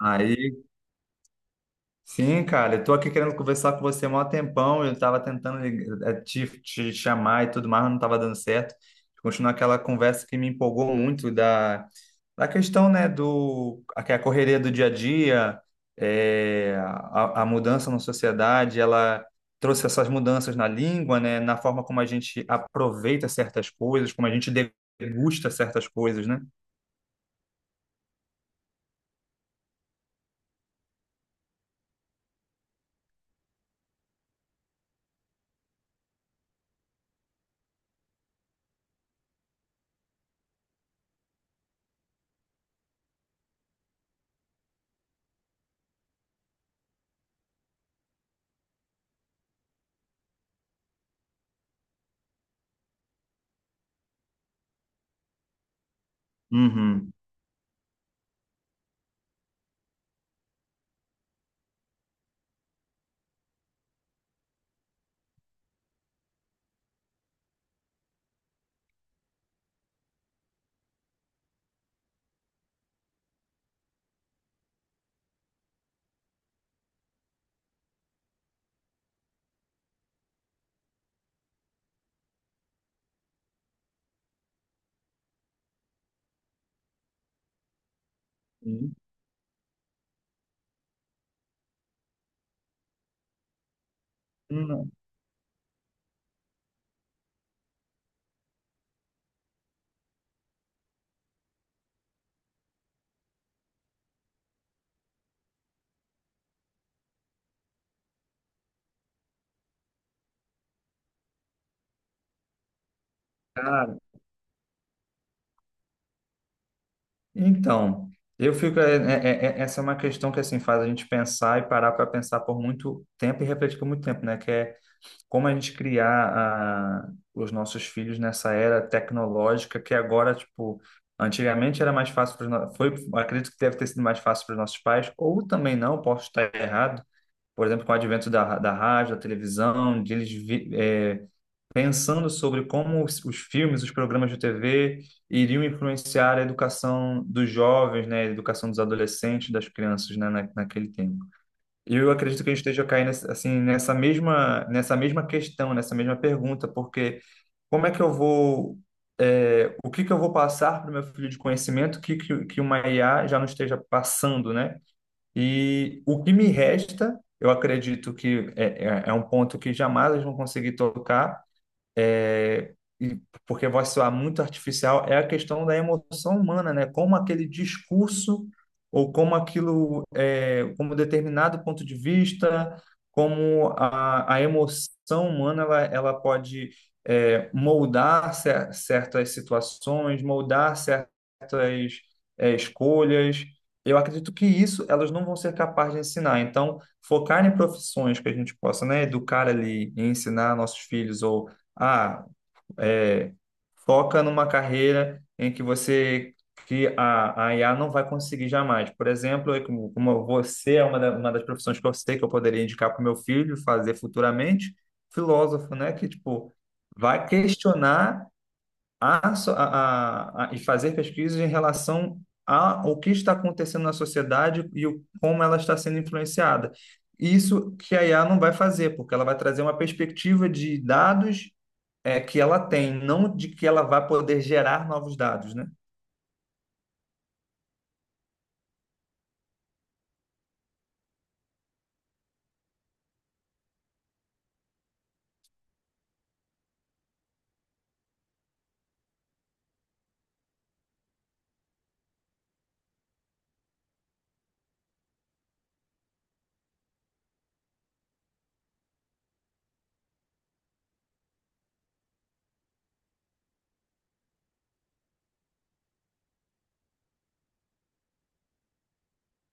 Aí, sim, cara, eu tô aqui querendo conversar com você há mó tempão, eu tava tentando te chamar e tudo mais, mas não tava dando certo. Continuar aquela conversa que me empolgou muito da questão, né, que é a correria do dia a dia, a mudança na sociedade, ela trouxe essas mudanças na língua, né, na forma como a gente aproveita certas coisas, como a gente degusta certas coisas, né? Uhum. Hum, cara, então, eu fico. Essa é uma questão que assim faz a gente pensar e parar para pensar por muito tempo e refletir por muito tempo, né? Que é como a gente criar os nossos filhos nessa era tecnológica que agora, tipo, antigamente era mais fácil acredito que deve ter sido mais fácil para os nossos pais, ou também não, posso estar errado. Por exemplo, com o advento da rádio, da televisão, de eles pensando sobre como os filmes, os programas de TV iriam influenciar a educação dos jovens, né, a educação dos adolescentes, das crianças, né, naquele tempo. E eu acredito que a gente esteja caindo assim nessa mesma questão, nessa mesma pergunta, porque como é que eu vou é, o que que eu vou passar para o meu filho de conhecimento que uma IA já não esteja passando, né? E o que me resta, eu acredito que é, é um ponto que jamais eles vão conseguir tocar, é, e porque vai soar muito artificial, é a questão da emoção humana, né? Como aquele discurso ou como aquilo, é, como determinado ponto de vista, como a emoção humana, ela pode é, moldar certas situações, moldar certas escolhas. Eu acredito que isso elas não vão ser capazes de ensinar. Então, focar em profissões que a gente possa, né, educar ali e ensinar nossos filhos ou ah, é, foca numa carreira em que você que a IA não vai conseguir jamais. Por exemplo, como você é uma, uma das profissões que eu sei que eu poderia indicar para o meu filho fazer futuramente, filósofo, né? Que tipo vai questionar a, so- a- e fazer pesquisas em relação a o que está acontecendo na sociedade como ela está sendo influenciada. Isso que a IA não vai fazer, porque ela vai trazer uma perspectiva de dados é que ela tem, não de que ela vai poder gerar novos dados, né?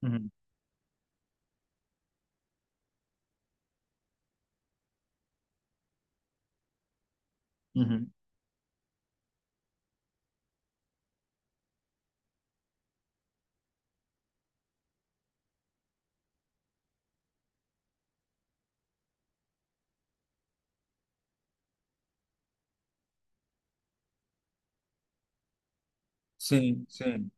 Uhum, uhum. Sim, sim.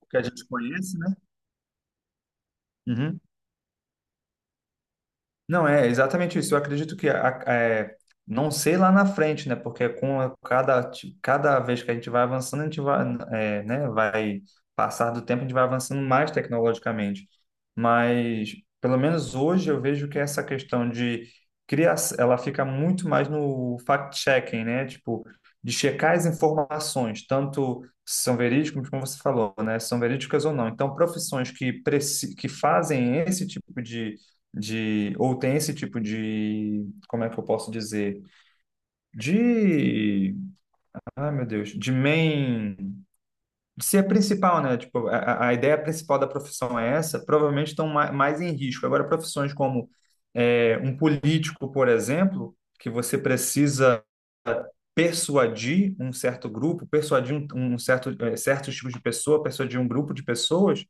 O que a gente conhece, né? Uhum. Não, é exatamente isso. Eu acredito que é, não sei lá na frente, né? Porque com cada vez que a gente vai avançando, a gente vai, é, né? Vai passar do tempo, a gente vai avançando mais tecnologicamente. Mas pelo menos hoje eu vejo que essa questão de criação, ela fica muito mais no fact-checking, né? Tipo, de checar as informações, tanto se são verídicas, como você falou, né? Se são verídicas ou não. Então, profissões que, que fazem esse tipo de ou tem esse tipo de, como é que eu posso dizer? De, ai meu Deus, de main, de ser principal, né? Tipo, a ideia principal da profissão é essa, provavelmente estão mais em risco. Agora, profissões como é, um político, por exemplo, que você precisa persuadir um certo grupo, persuadir um certo, eh, certos tipos de pessoa, persuadir um grupo de pessoas,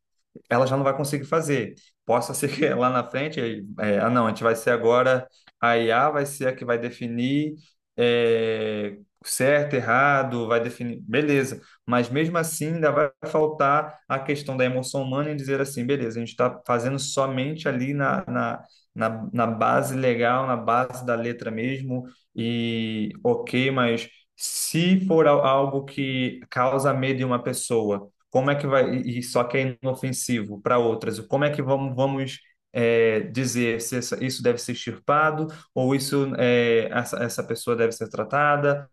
ela já não vai conseguir fazer. Possa ser que lá na frente, é, ah, não, a gente vai ser agora, a IA vai ser a que vai definir é, certo, errado, vai definir, beleza. Mas mesmo assim, ainda vai faltar a questão da emoção humana em dizer assim, beleza, a gente está fazendo somente ali na base legal, na base da letra mesmo, e ok, mas se for algo que causa medo em uma pessoa como é que vai, e só que é inofensivo para outras, como é que vamos é, dizer se isso deve ser extirpado ou isso é, essa pessoa deve ser tratada,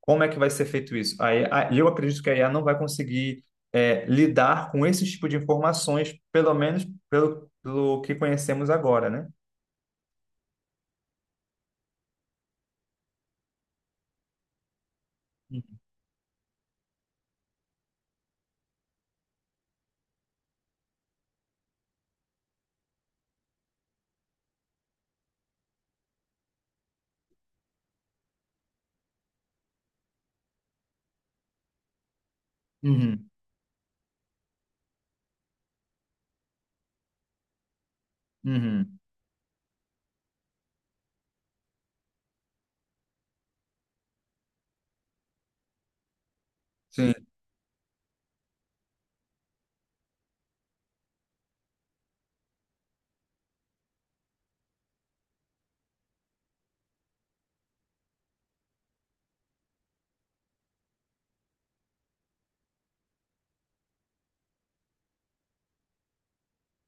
como é que vai ser feito isso? Aí, eu acredito que a IA não vai conseguir é, lidar com esse tipo de informações, pelo menos pelo que conhecemos agora, né? Uhum, uhum. Sim,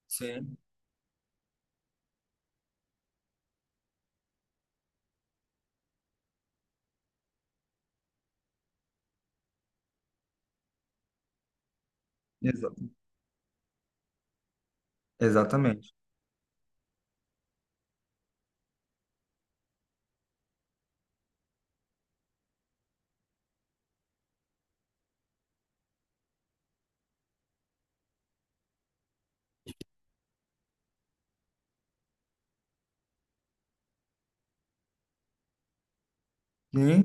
sim, exa- exatamente. E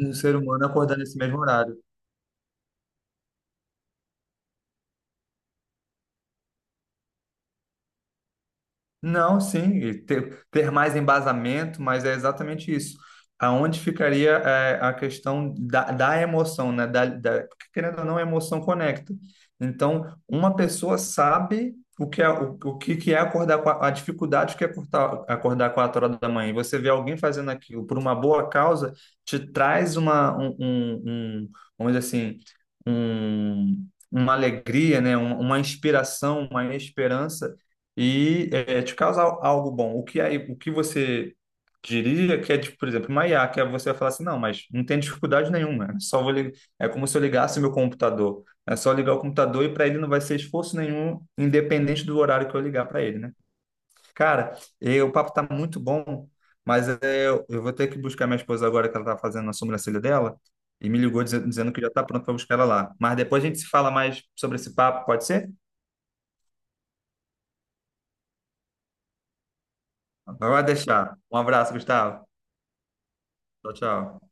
um ser humano acordar nesse mesmo horário. Não, sim, e ter, ter mais embasamento, mas é exatamente isso. Aonde ficaria é, a questão da emoção, né? Porque querendo ou não, a emoção conecta. Então, uma pessoa sabe o que é, o que que é acordar com a dificuldade que é acordar, acordar 4 horas da manhã. E você vê alguém fazendo aquilo por uma boa causa, te traz um, vamos dizer assim, uma alegria, né? Uma inspiração, uma esperança e é, te causar algo bom. O que aí, o que você diria que é, tipo, por exemplo, uma IA, que é você vai falar assim, não, mas não tem dificuldade nenhuma, é só é como se eu ligasse meu computador. É só ligar o computador e para ele não vai ser esforço nenhum, independente do horário que eu ligar para ele, né? Cara, eh, o papo tá muito bom, mas eh, eu vou ter que buscar minha esposa agora que ela tá fazendo a sobrancelha dela e me ligou dizendo que já está pronto para buscar ela lá. Mas depois a gente se fala mais sobre esse papo, pode ser? Então, vai deixar. Um abraço, Gustavo. Tchau, tchau.